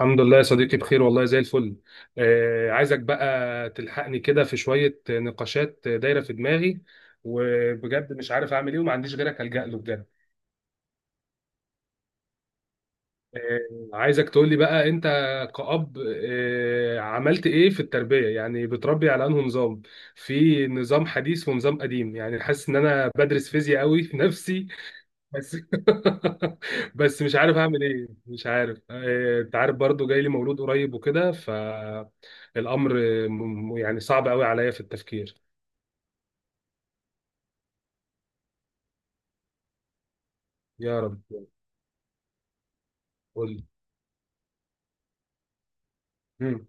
الحمد لله يا صديقي بخير والله زي الفل. عايزك بقى تلحقني كده في شوية نقاشات دايرة في دماغي، وبجد مش عارف أعمل إيه وما عنديش غيرك ألجأ له بجد. عايزك تقول لي بقى أنت كأب، عملت إيه في التربية؟ يعني بتربي على أنه نظام، في نظام حديث ونظام قديم. يعني حاسس إن أنا بدرس فيزياء قوي في نفسي. بس بس مش عارف اعمل ايه، مش عارف. انت عارف برضو جاي لي مولود قريب وكده، فالامر يعني صعب قوي عليا في التفكير. يا رب. قول لي. مم.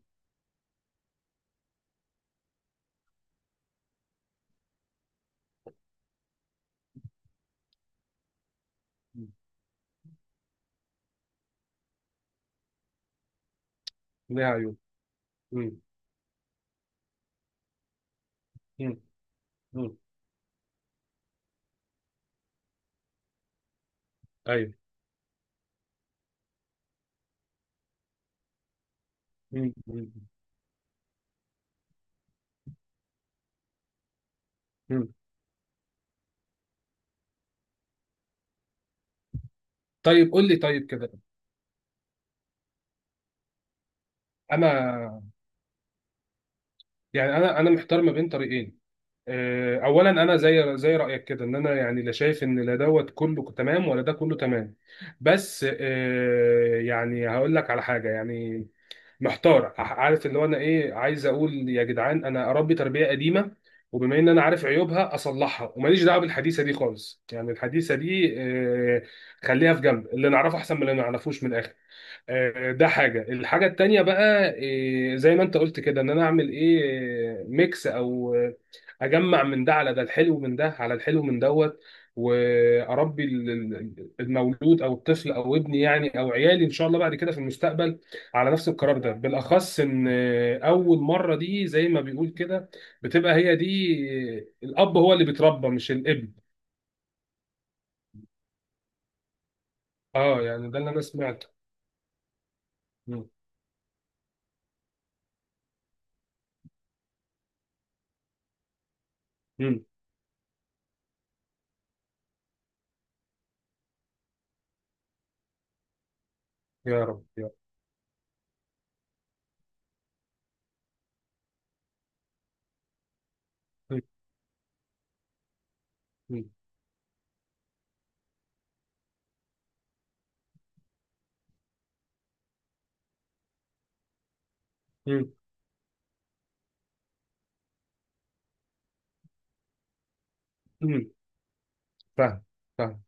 مم. يا عيون. مم. مم. مم. ايوه. مم. مم. مم. طيب قول لي طيب كده. انا، يعني انا محتار ما بين طريقين. اولا انا زي رايك كده، ان انا يعني لا شايف ان لا دوت كله تمام ولا ده كله تمام. بس يعني هقول لك على حاجه. يعني محتار، عارف اللي هو انا ايه عايز اقول؟ يا جدعان انا اربي تربيه قديمه وبما ان انا عارف عيوبها اصلحها وماليش دعوه بالحديثه دي خالص. يعني الحديثه دي خليها في جنب، اللي نعرفه احسن من اللي ما نعرفوش من الاخر. ده حاجة. الحاجة التانية بقى، زي ما انت قلت كده، ان انا اعمل ايه، ميكس، او اجمع من ده على ده، الحلو من ده على الحلو من دوت، واربي المولود او الطفل او ابني يعني، او عيالي ان شاء الله بعد كده في المستقبل، على نفس القرار ده. بالاخص ان اول مرة دي زي ما بيقول كده، بتبقى هي دي. الاب هو اللي بيتربى مش الابن. اه، يعني ده اللي انا سمعته. مم. مم. يا رب يا رب. مم. مم. مم. فاهم. فاهم.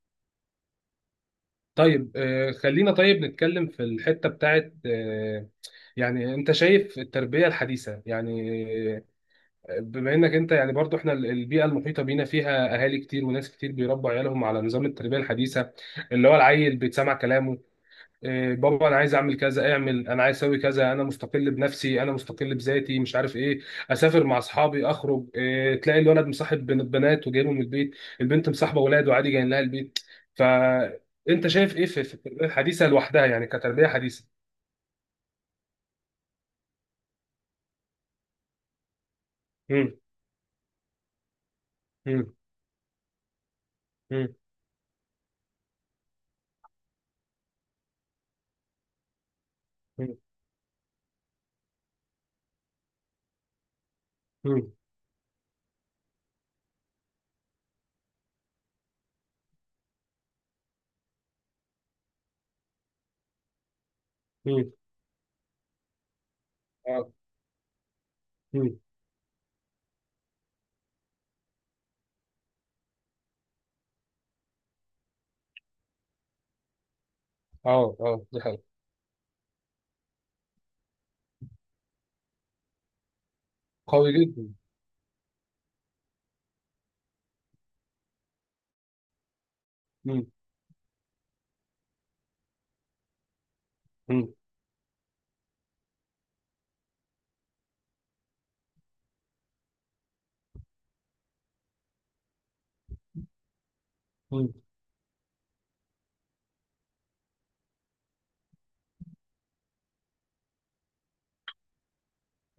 طيب، خلينا طيب نتكلم في الحتة بتاعت يعني انت شايف التربية الحديثة؟ يعني آه، بما انك انت يعني برضو، احنا البيئة المحيطة بينا فيها اهالي كتير وناس كتير بيربوا عيالهم على نظام التربية الحديثة، اللي هو العيل بيتسمع كلامه، إيه، بابا انا عايز اعمل كذا، اعمل، انا عايز اسوي كذا، انا مستقل بنفسي، انا مستقل بذاتي، مش عارف ايه، اسافر مع اصحابي، اخرج. إيه، تلاقي الولد مصاحب بنات وجايبهم من البيت، البنت مصاحبه ولاد وعادي جايين لها البيت. فانت شايف ايه في التربيه الحديثه لوحدها، يعني كتربيه حديثه؟ مم. مم. مم. مم. مم. مم. اه. مم. اه، دي حاجه قوي جدا. مم. مم. مم.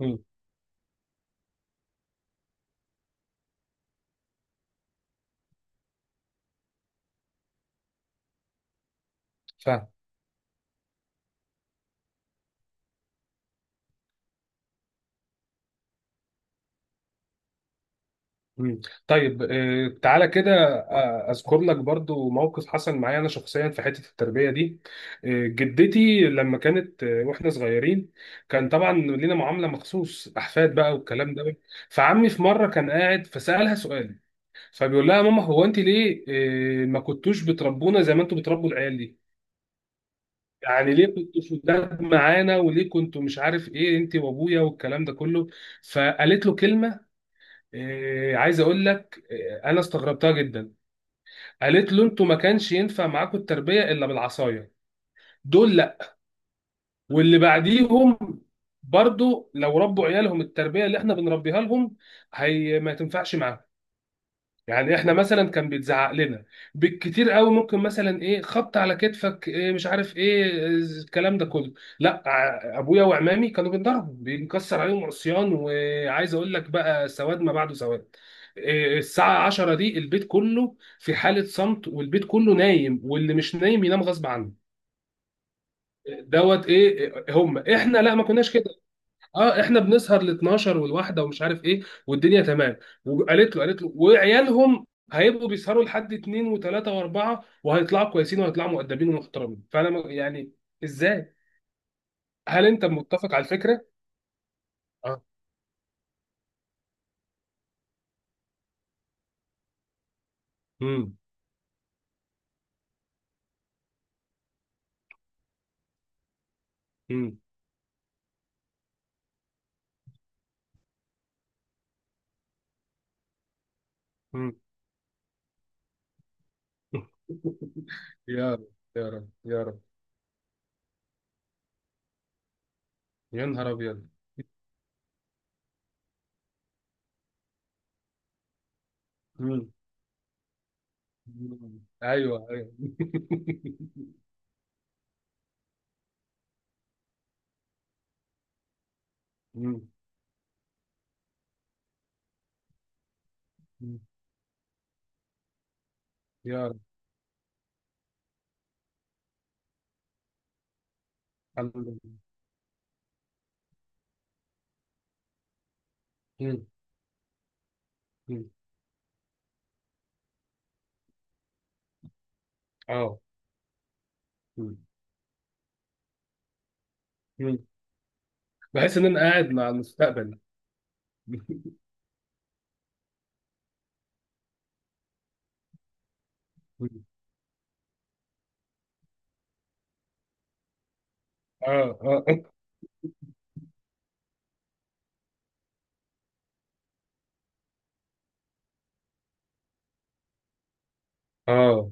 مم. فاهم. مم. طيب، تعالى كده. اذكر لك برضو موقف حصل معايا انا شخصيا في حته التربيه دي. جدتي لما كانت، واحنا صغيرين، كان طبعا لينا معامله مخصوص، احفاد بقى والكلام ده. فعمي في مره كان قاعد فسالها سؤال، فبيقول لها يا ماما هو انت ليه ما كنتوش بتربونا زي ما انتوا بتربوا العيال دي؟ يعني ليه كنتوا شداد معانا وليه كنتوا مش عارف ايه انت وابويا والكلام ده كله. فقالت له كلمه، إيه، عايز اقول لك إيه، انا استغربتها جدا. قالت له انتوا ما كانش ينفع معاكم التربيه الا بالعصايه، دول لا، واللي بعديهم برضو لو ربوا عيالهم التربيه اللي احنا بنربيها لهم، هي ما تنفعش معاهم. يعني احنا مثلا كان بيتزعق لنا بالكتير قوي، ممكن مثلا ايه، خبط على كتفك، إيه، مش عارف ايه الكلام ده كله. لا، ابويا وعمامي كانوا بينضربوا، بينكسر عليهم عصيان. وعايز اقول لك بقى سواد ما بعده سواد. إيه، الساعة 10 دي البيت كله في حالة صمت، والبيت كله نايم واللي مش نايم ينام غصب عنه. دوت ايه، إيه، هم احنا لا، ما كناش كده. اه، احنا بنسهر ل 12 والواحده ومش عارف ايه، والدنيا تمام. وقالت له، قالت له وعيالهم هيبقوا بيسهروا لحد اتنين وتلاته واربعه وهيطلعوا كويسين وهيطلعوا مؤدبين ومحترمين. فانا يعني ازاي؟ هل انت متفق على الفكره؟ اه. امم امم امم يا رب يا رب يا رب. يا نهار ابيض. مم. مم. ايوه ايوه. مم. مم. يا رب. الحمد لله. مم. مم. اه. مم. بحس ان انا قاعد مع المستقبل. اه اه اه.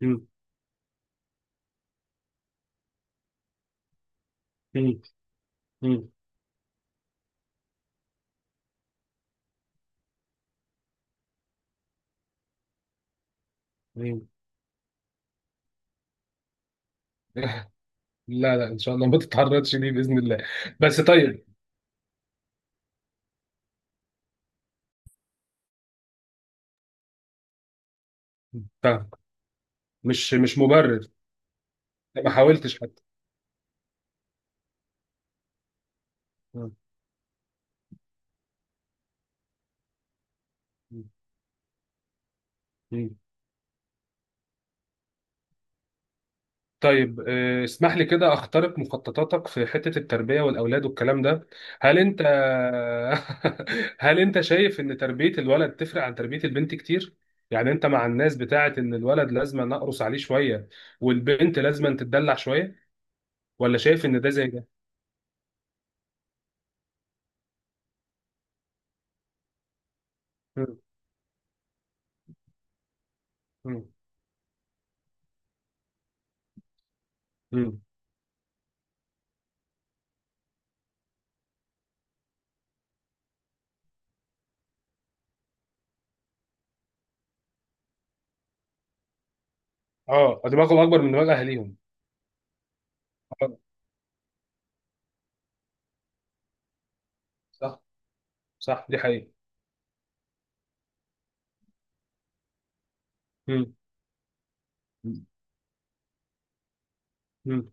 مم، مم، مم، مم. لا لا، ان شاء الله ما تتعرضش ليه باذن الله. بس طيب. طيب، مش مش مبرر، ما حاولتش حتى. مم، مم، طيب اسمح لي كده اخترق مخططاتك في حتة التربية والأولاد والكلام ده. هل انت هل انت شايف ان تربية الولد تفرق عن تربية البنت كتير؟ يعني انت مع الناس بتاعة ان الولد لازم نقرص عليه شوية والبنت لازم تتدلع شوية، ولا شايف ان ده زي ده؟ مم. مم. مم. اه، دماغهم اكبر من دماغ اهاليهم. آه، صح، صح، دي حقيقة. مم. مم.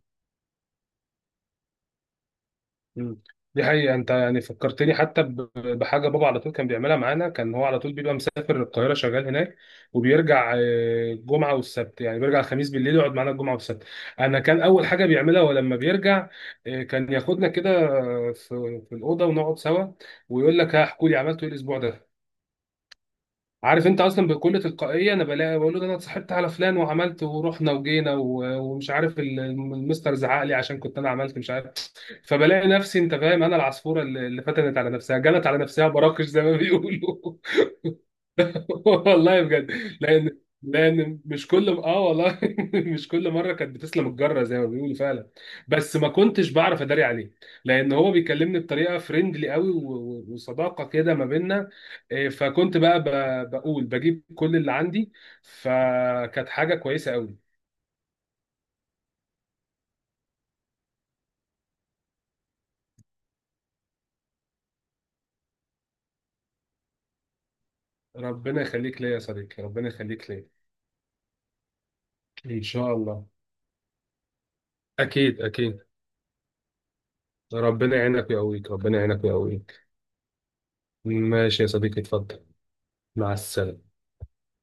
مم. دي حقيقة. انت يعني فكرتني حتى بحاجة، بابا على طول كان بيعملها معانا. كان هو على طول بيبقى مسافر القاهرة شغال هناك، وبيرجع الجمعة والسبت، يعني بيرجع الخميس بالليل يقعد معانا الجمعة والسبت. انا كان اول حاجة بيعملها ولما بيرجع، كان ياخدنا كده في الأوضة ونقعد سوا، ويقول لك هحكوا لي عملتوا ايه الاسبوع ده. عارف انت اصلا بكل تلقائيه انا بلاقي بقول له ده انا اتصاحبت على فلان، وعملت ورحنا وجينا، ومش عارف، المستر زعق لي عشان كنت انا عملت مش عارف. فبلاقي نفسي، انت فاهم، انا العصفوره اللي فتنت على نفسها، جنت على نفسها براكش زي ما بيقولوا. والله بجد. لان لان مش كل، اه والله، مش كل مره كانت بتسلم الجره زي ما بيقولوا فعلا، بس ما كنتش بعرف اداري عليه، لان هو بيكلمني بطريقه فريندلي قوي، وصداقه كده ما بيننا، إيه، فكنت بقى بقول بجيب كل اللي عندي، فكانت حاجه كويسه قوي. ربنا يخليك ليا يا صديقي، ربنا يخليك ليا. ان شاء الله. اكيد اكيد. ربنا يعينك ويقويك، ربنا يعينك ويقويك. ماشي يا صديقي، اتفضل. مع السلامة.